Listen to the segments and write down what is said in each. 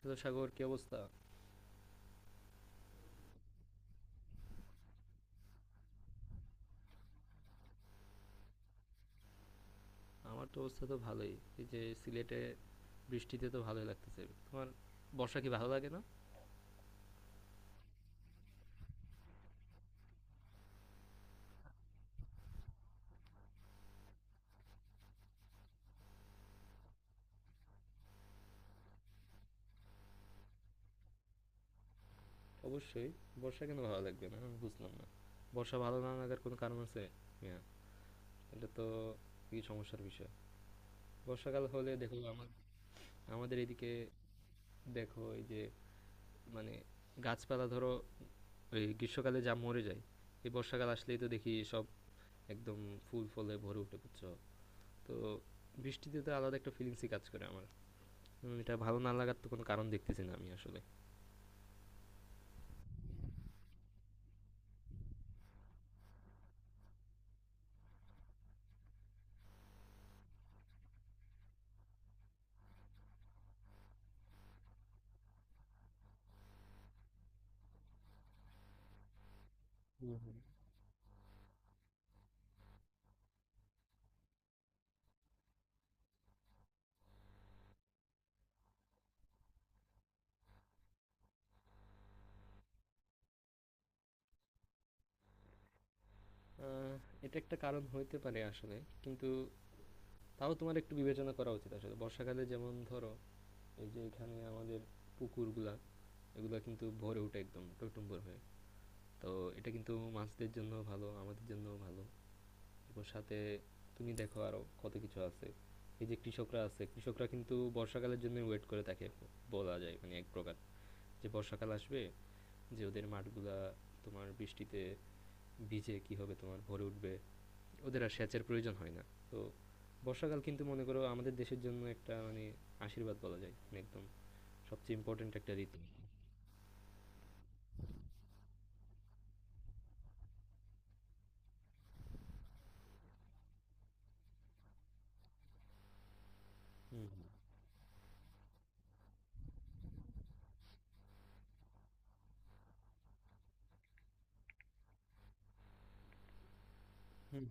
তো সাগর কি অবস্থা আমার তো অবস্থা তো ভালোই। এই যে সিলেটে বৃষ্টিতে তো ভালোই লাগতেছে। তোমার বর্ষা কি ভালো লাগে না? অবশ্যই। বর্ষা কেন ভালো লাগবে না আমি বুঝলাম না। বর্ষা ভালো না লাগার কোনো কারণ আছে? হ্যাঁ, এটা তো কি সমস্যার বিষয়। বর্ষাকাল হলে দেখো আমার, আমাদের এদিকে দেখো এই যে, মানে গাছপালা ধরো, ওই গ্রীষ্মকালে যা মরে যায়, এই বর্ষাকাল আসলেই তো দেখি সব একদম ফুল ফলে ভরে উঠে, বুঝছো? তো বৃষ্টিতে তো আলাদা একটা ফিলিংসই কাজ করে আমার। এটা ভালো না লাগার তো কোনো কারণ দেখতেছি না আমি আসলে। হুম হুম। আহ, এটা একটা কারণ হইতে পারে আসলে, কিন্তু তাও তোমার একটু বিবেচনা করা উচিত। আসলে বর্ষাকালে যেমন ধরো এই যে এখানে আমাদের পুকুরগুলা, এগুলা কিন্তু ভরে ওঠে একদম টইটুম্বর হয়ে। তো এটা কিন্তু মাছদের জন্য ভালো, আমাদের জন্য ভালো। এবং সাথে তুমি দেখো আরো কত কিছু আছে, এই যে কৃষকরা আছে, কৃষকরা কিন্তু বর্ষাকালের জন্য ওয়েট করে থাকে, বলা যায় মানে এক প্রকার, যে বর্ষাকাল আসবে, যে ওদের মাঠগুলা তোমার বৃষ্টিতে বীজে কি হবে তোমার ভরে উঠবে, ওদের আর সেচের প্রয়োজন হয় না। তো বর্ষাকাল কিন্তু মনে করো আমাদের দেশের জন্য একটা মানে আশীর্বাদ বলা যায়, মানে একদম সবচেয়ে ইম্পর্ট্যান্ট একটা ঋতু। হুম হুম। হুম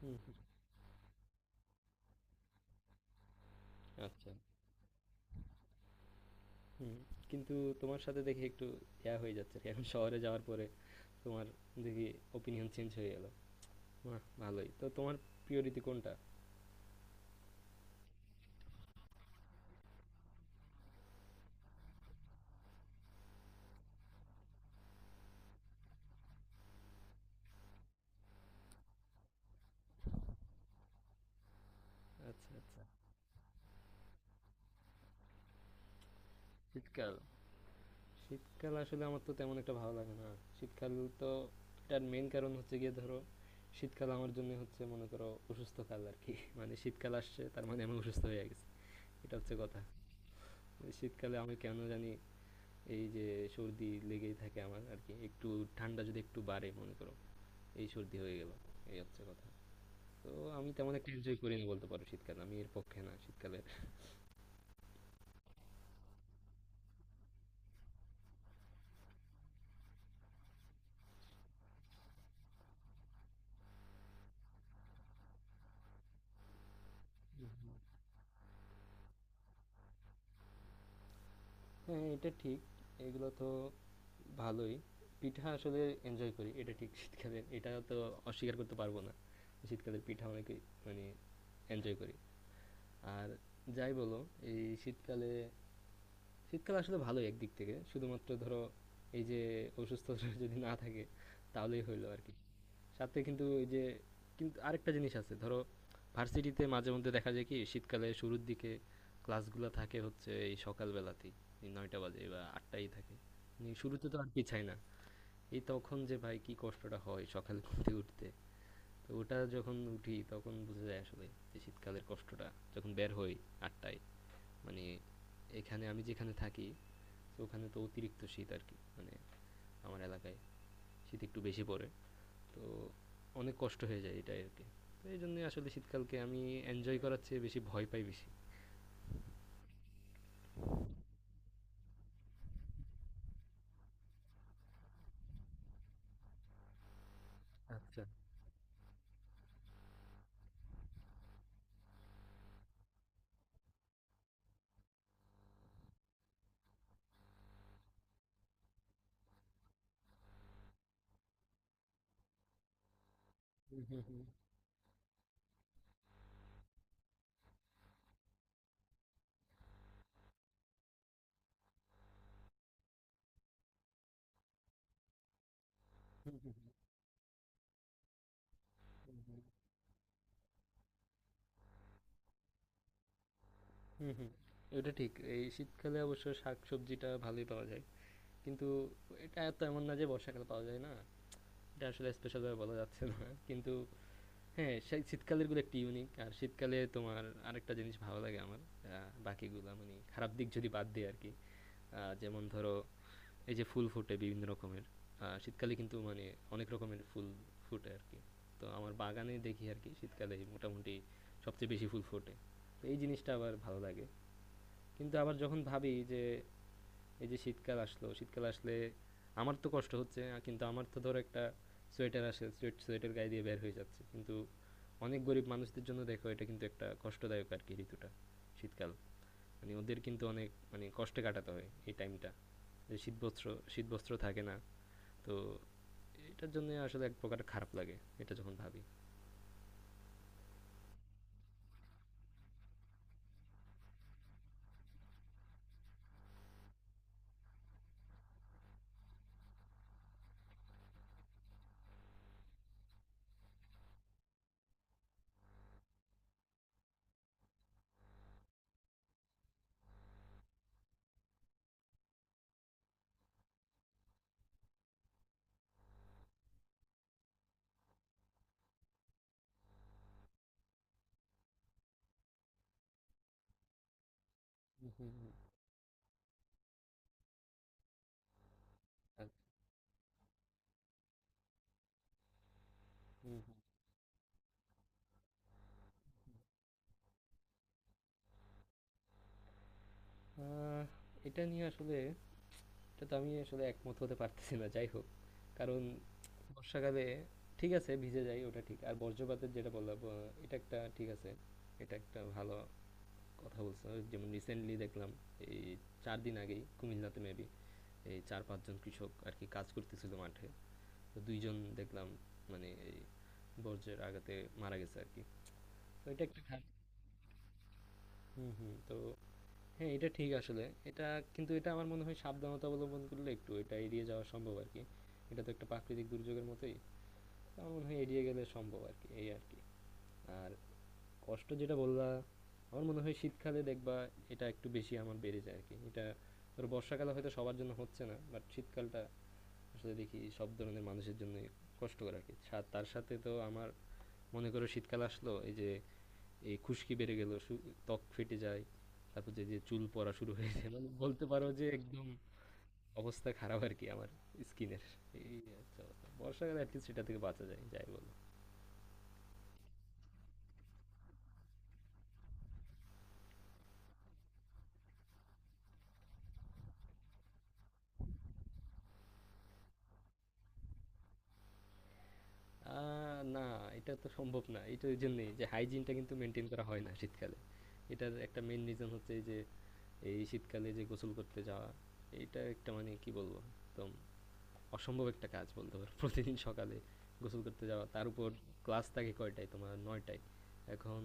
হুম। হুম, আচ্ছা। হুম। কিন্তু তোমার সাথে দেখি একটু ইয়া হয়ে যাচ্ছে আর কি। এখন শহরে যাওয়ার পরে তোমার দেখি ওপিনিয়ন চেঞ্জ হয়ে গেল। বাহ, ভালোই তো। তোমার প্রিয় ঋতু কোনটা? আচ্ছা আচ্ছা। শীতকাল? শীতকাল আসলে আমার তো তেমন একটা ভালো লাগে না শীতকাল। তো এটার মেইন কারণ হচ্ছে গিয়ে ধরো, শীতকাল আমার জন্য হচ্ছে মনে করো অসুস্থকাল আর কি। মানে শীতকাল আসছে তার মানে আমি অসুস্থ হয়ে গেছি, এটা হচ্ছে কথা। এই শীতকালে আমি কেন জানি, এই যে সর্দি লেগেই থাকে আমার আর কি। একটু ঠান্ডা যদি একটু বাড়ে মনে করো, এই সর্দি হয়ে গেল, এই হচ্ছে কথা। তো আমি তেমন একটা এনজয় করি না, বলতে পারো শীতকাল আমি এর পক্ষে না, শীতকালে। হ্যাঁ, এটা ঠিক। এগুলো তো ভালোই। পিঠা আসলে এনজয় করি। এটা ঠিক শীতকালে, এটা তো অস্বীকার করতে পারব না। শীতকালের পিঠা অনেকেই মানে এনজয় করি। আর যাই বলো, এই শীতকালে, শীতকাল আসলে ভালোই একদিক থেকে। শুধুমাত্র ধরো এই যে অসুস্থ যদি না থাকে তাহলেই হইল আরকি। সাথে কিন্তু ওই যে কিন্তু আরেকটা জিনিস আছে ধরো, ভার্সিটিতে মাঝে মধ্যে দেখা যায় কি শীতকালে শুরুর দিকে ক্লাসগুলো থাকে হচ্ছে এই সকালবেলাতেই, এই নয়টা বাজে বা আটটাই থাকে, মানে শুরুতে তো আর পিছায় না। এই তখন যে ভাই কি কষ্টটা হয় সকালে ঘুম থেকে উঠতে, তো ওটা যখন উঠি তখন বোঝা যায় আসলে যে শীতকালের কষ্টটা। যখন বের হই আটটায়, মানে এখানে আমি যেখানে থাকি, তো ওখানে তো অতিরিক্ত শীত আর কি। মানে আমার এলাকায় শীত একটু বেশি পড়ে। তো অনেক কষ্ট হয়ে যায় এটাই আরকি। তো এইজন্যই আসলে শীতকালকে আমি এনজয় করার চেয়ে বেশি ভয় পাই বেশি। আচ্ছা। হুম, হুম, হুম। হুম, হুম, হুম, হুম। হুম, হুম। এটা ঠিক, এই শীতকালে অবশ্য শাকসবজিটা ভালোই পাওয়া যায়। কিন্তু এটা এত এমন না যে বর্ষাকালে পাওয়া যায় না। এটা আসলে স্পেশাল ভাবে বলা যাচ্ছে না। কিন্তু হ্যাঁ, সেই শীতকালের গুলো একটু ইউনিক। আর শীতকালে তোমার আরেকটা জিনিস ভালো লাগে আমার। আ বাকিগুলা মানে খারাপ দিক যদি বাদ দেই আরকি। যেমন ধরো এই যে ফুল ফোটে বিভিন্ন রকমের। শীতকালে কিন্তু মানে অনেক রকমের ফুল ফোটে আর কি। তো আমার বাগানে দেখি আর কি শীতকালে মোটামুটি সবচেয়ে বেশি ফুল ফোটে। তো এই জিনিসটা আবার ভালো লাগে। কিন্তু আবার যখন ভাবি যে এই যে শীতকাল আসলো, শীতকাল আসলে আমার তো কষ্ট হচ্ছে, কিন্তু আমার তো ধরো একটা সোয়েটার আসে সোয়েটার গায়ে দিয়ে বের হয়ে যাচ্ছে, কিন্তু অনেক গরিব মানুষদের জন্য দেখো এটা কিন্তু একটা কষ্টদায়ক আর কি ঋতুটা, শীতকাল। মানে ওদের কিন্তু অনেক মানে কষ্টে কাটাতে হয় এই টাইমটা, যে শীতবস্ত্র, শীতবস্ত্র থাকে না। তো এটার জন্য আসলে এক প্রকার খারাপ লাগে এটা যখন ভাবি। হুম হুম হুম, আচ্ছা, হুম হুম। আহ, এটা নিয়ে আসলে এটা তো আমি আসলে একমত হতে পারতেছি না যাই হোক, কারণ বর্ষাকালে ঠিক আছে ভিজে যায় ওটা ঠিক, আর বজ্রপাতের যেটা বললাম এটা একটা ঠিক আছে, এটা একটা ভালো কথা বলছো। যেমন রিসেন্টলি দেখলাম, এই চার দিন আগেই কুমিল্লাতে মেবি এই চার পাঁচজন কৃষক আর কি কাজ করতেছিল মাঠে, তো দুইজন দেখলাম মানে এই বজ্রের আঘাতে মারা গেছে আর কি। তো এটা একটা খারাপ। হুম হুম। তো হ্যাঁ, এটা ঠিক আসলে এটা, কিন্তু এটা আমার মনে হয় সাবধানতা অবলম্বন করলে একটু এটা এড়িয়ে যাওয়া সম্ভব আর কি। এটা তো একটা প্রাকৃতিক দুর্যোগের মতোই। তো আমার মনে হয় এড়িয়ে গেলে সম্ভব আর কি এই আর কি। আর কষ্ট যেটা বললা, আমার মনে হয় শীতকালে দেখবা এটা একটু বেশি আমার বেড়ে যায় আর কি এটা। ধরো বর্ষাকালে হয়তো সবার জন্য হচ্ছে না, বাট শীতকালটা আসলে দেখি সব ধরনের মানুষের জন্য কষ্টকর আর কি। তার সাথে তো আমার, মনে করো শীতকাল আসলো এই যে এই খুশকি বেড়ে গেল, ত্বক ফেটে যায়। তারপর যে চুল পড়া শুরু হয়ে যায়, মানে বলতে পারো যে একদম অবস্থা খারাপ আরকি আমার স্কিনের। এই হচ্ছে অবস্থা। বর্ষাকালে এটলিস্ট এটা থেকে বাঁচা যায়, যাই বলো। আ না, এটা তো সম্ভব না। এটা এইজন্যেই যে হাইজিনটা কিন্তু মেইনটেইন করা হয় না শীতকালে। এটার একটা মেইন রিজন হচ্ছে এই যে এই শীতকালে যে গোসল করতে যাওয়া, এইটা একটা মানে কি বলবো একদম অসম্ভব একটা কাজ বলতে পারো। প্রতিদিন সকালে গোসল করতে যাওয়া, তার উপর ক্লাস থাকে কয়টায়? তোমার ৯ টায়। এখন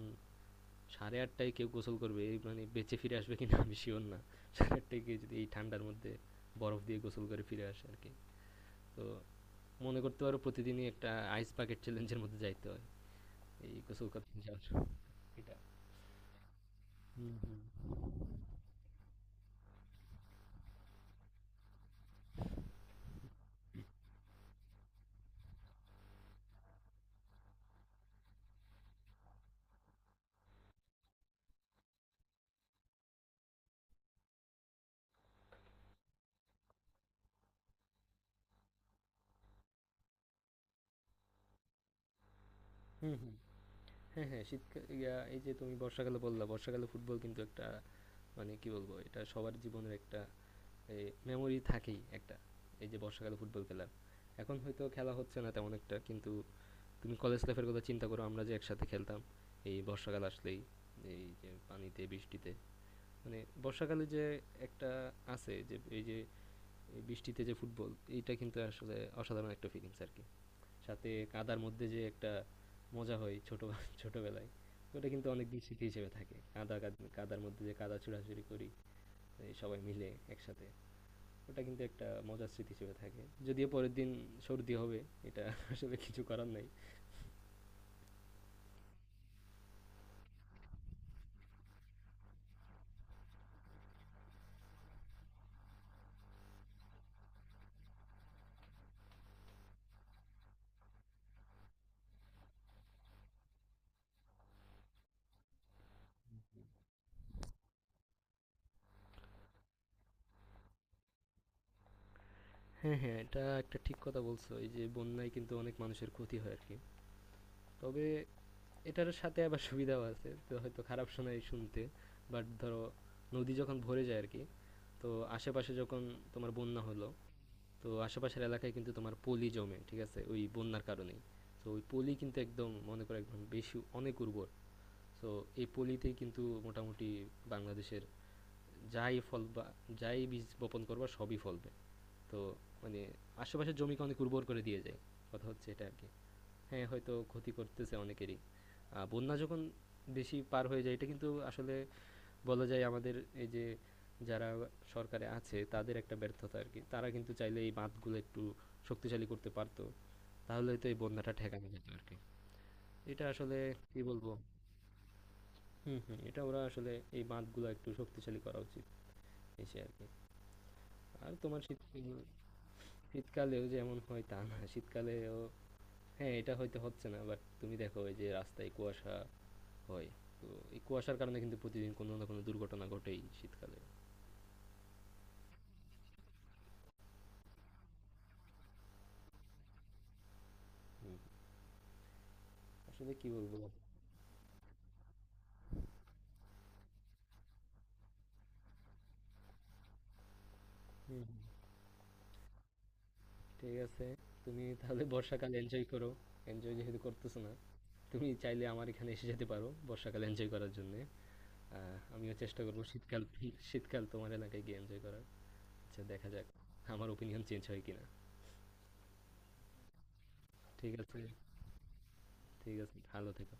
সাড়ে আটটায় কেউ গোসল করবে এই মানে বেঁচে ফিরে আসবে কিনা আমি শিওর না। সাড়ে আটটায় কেউ যদি এই ঠান্ডার মধ্যে বরফ দিয়ে গোসল করে ফিরে আসে আর কি। তো মনে করতে পারো প্রতিদিনই একটা আইস বাকেট চ্যালেঞ্জের মধ্যে যাইতে হয় এই গোসল করতে যাওয়ার জন্য। এটা। হুম হুম। হ্যাঁ হ্যাঁ। শীতকাল ইয়া, এই যে তুমি বর্ষাকালে বললা, বর্ষাকালে ফুটবল কিন্তু একটা, মানে কি বলবো এটা সবার জীবনের একটা মেমোরি থাকেই একটা, এই যে বর্ষাকালে ফুটবল খেলা। এখন হয়তো খেলা হচ্ছে না তেমন একটা, কিন্তু তুমি কলেজ লাইফের কথা চিন্তা করো, আমরা যে একসাথে খেলতাম এই বর্ষাকাল আসলেই, এই যে পানিতে বৃষ্টিতে, মানে বর্ষাকালে যে একটা আছে যে এই যে এই বৃষ্টিতে যে ফুটবল, এইটা কিন্তু আসলে অসাধারণ একটা ফিলিংস আর কি। সাথে কাদার মধ্যে যে একটা মজা হয় ছোট ছোটবেলায়, ওটা কিন্তু অনেক দিন স্মৃতি হিসেবে থাকে। কাদার মধ্যে যে কাদা ছোড়াছুড়ি করি এই সবাই মিলে একসাথে, ওটা কিন্তু একটা মজার স্মৃতি হিসেবে থাকে। যদিও পরের দিন সর্দি হবে, এটা আসলে কিছু করার নাই। হ্যাঁ, হ্যাঁ। এটা একটা ঠিক কথা বলছো। এই যে বন্যায় কিন্তু অনেক মানুষের ক্ষতি হয় আরকি। তবে এটার সাথে আবার সুবিধাও আছে। তো হয়তো খারাপ শোনায় শুনতে। বাট ধরো নদী যখন ভরে যায় আরকি, তো আশেপাশে যখন তোমার বন্যা হলো, তো আশেপাশের এলাকায় কিন্তু তোমার পলি জমে, ঠিক আছে? ওই বন্যার কারণেই। তো ওই পলি কিন্তু একদম মনে করো একদম বেশি অনেক উর্বর। তো এই পলিতেই কিন্তু মোটামুটি বাংলাদেশের যাই ফল বা যাই বীজ বপন করবা সবই ফলবে। তো মানে আশেপাশের জমিকে অনেক উর্বর করে দিয়ে যায়, কথা হচ্ছে এটা আর কি। হ্যাঁ হয়তো ক্ষতি করতেছে অনেকেরই, বন্যা যখন বেশি পার হয়ে যায়, এটা কিন্তু আসলে বলা যায় আমাদের এই যে যারা সরকারে আছে তাদের একটা ব্যর্থতা আর কি। তারা কিন্তু চাইলে এই বাঁধগুলো একটু শক্তিশালী করতে পারতো, তাহলে তো এই বন্যাটা ঠেকানো যেত আর কি। এটা আসলে কি বলবো। হুম হুম। এটা ওরা আসলে এই বাঁধগুলো একটু শক্তিশালী করা উচিত এসে আর কি। আর তোমার শীত, শীতকালেও যেমন হয় তা না, শীতকালেও হ্যাঁ, এটা হয়তো হচ্ছে না, বাট তুমি দেখো এই যে রাস্তায় কুয়াশা হয়, তো এই কুয়াশার কারণে কিন্তু প্রতিদিন কোনো না কোনো দুর্ঘটনা ঘটেই শীতকালে। হুম, আসলে কি বলবো। হুম, হুম। ঠিক আছে, তুমি তাহলে বর্ষাকাল এনজয় করো, এনজয় যেহেতু করতেছো না। তুমি চাইলে আমার এখানে এসে যেতে পারো বর্ষাকাল এনজয় করার জন্য, আমিও চেষ্টা করবো শীতকাল, শীতকাল তোমার এলাকায় গিয়ে এনজয় করার। আচ্ছা, দেখা যাক আমার ওপিনিয়ন চেঞ্জ হয় কিনা। ঠিক আছে, ঠিক আছে, ভালো থেকো।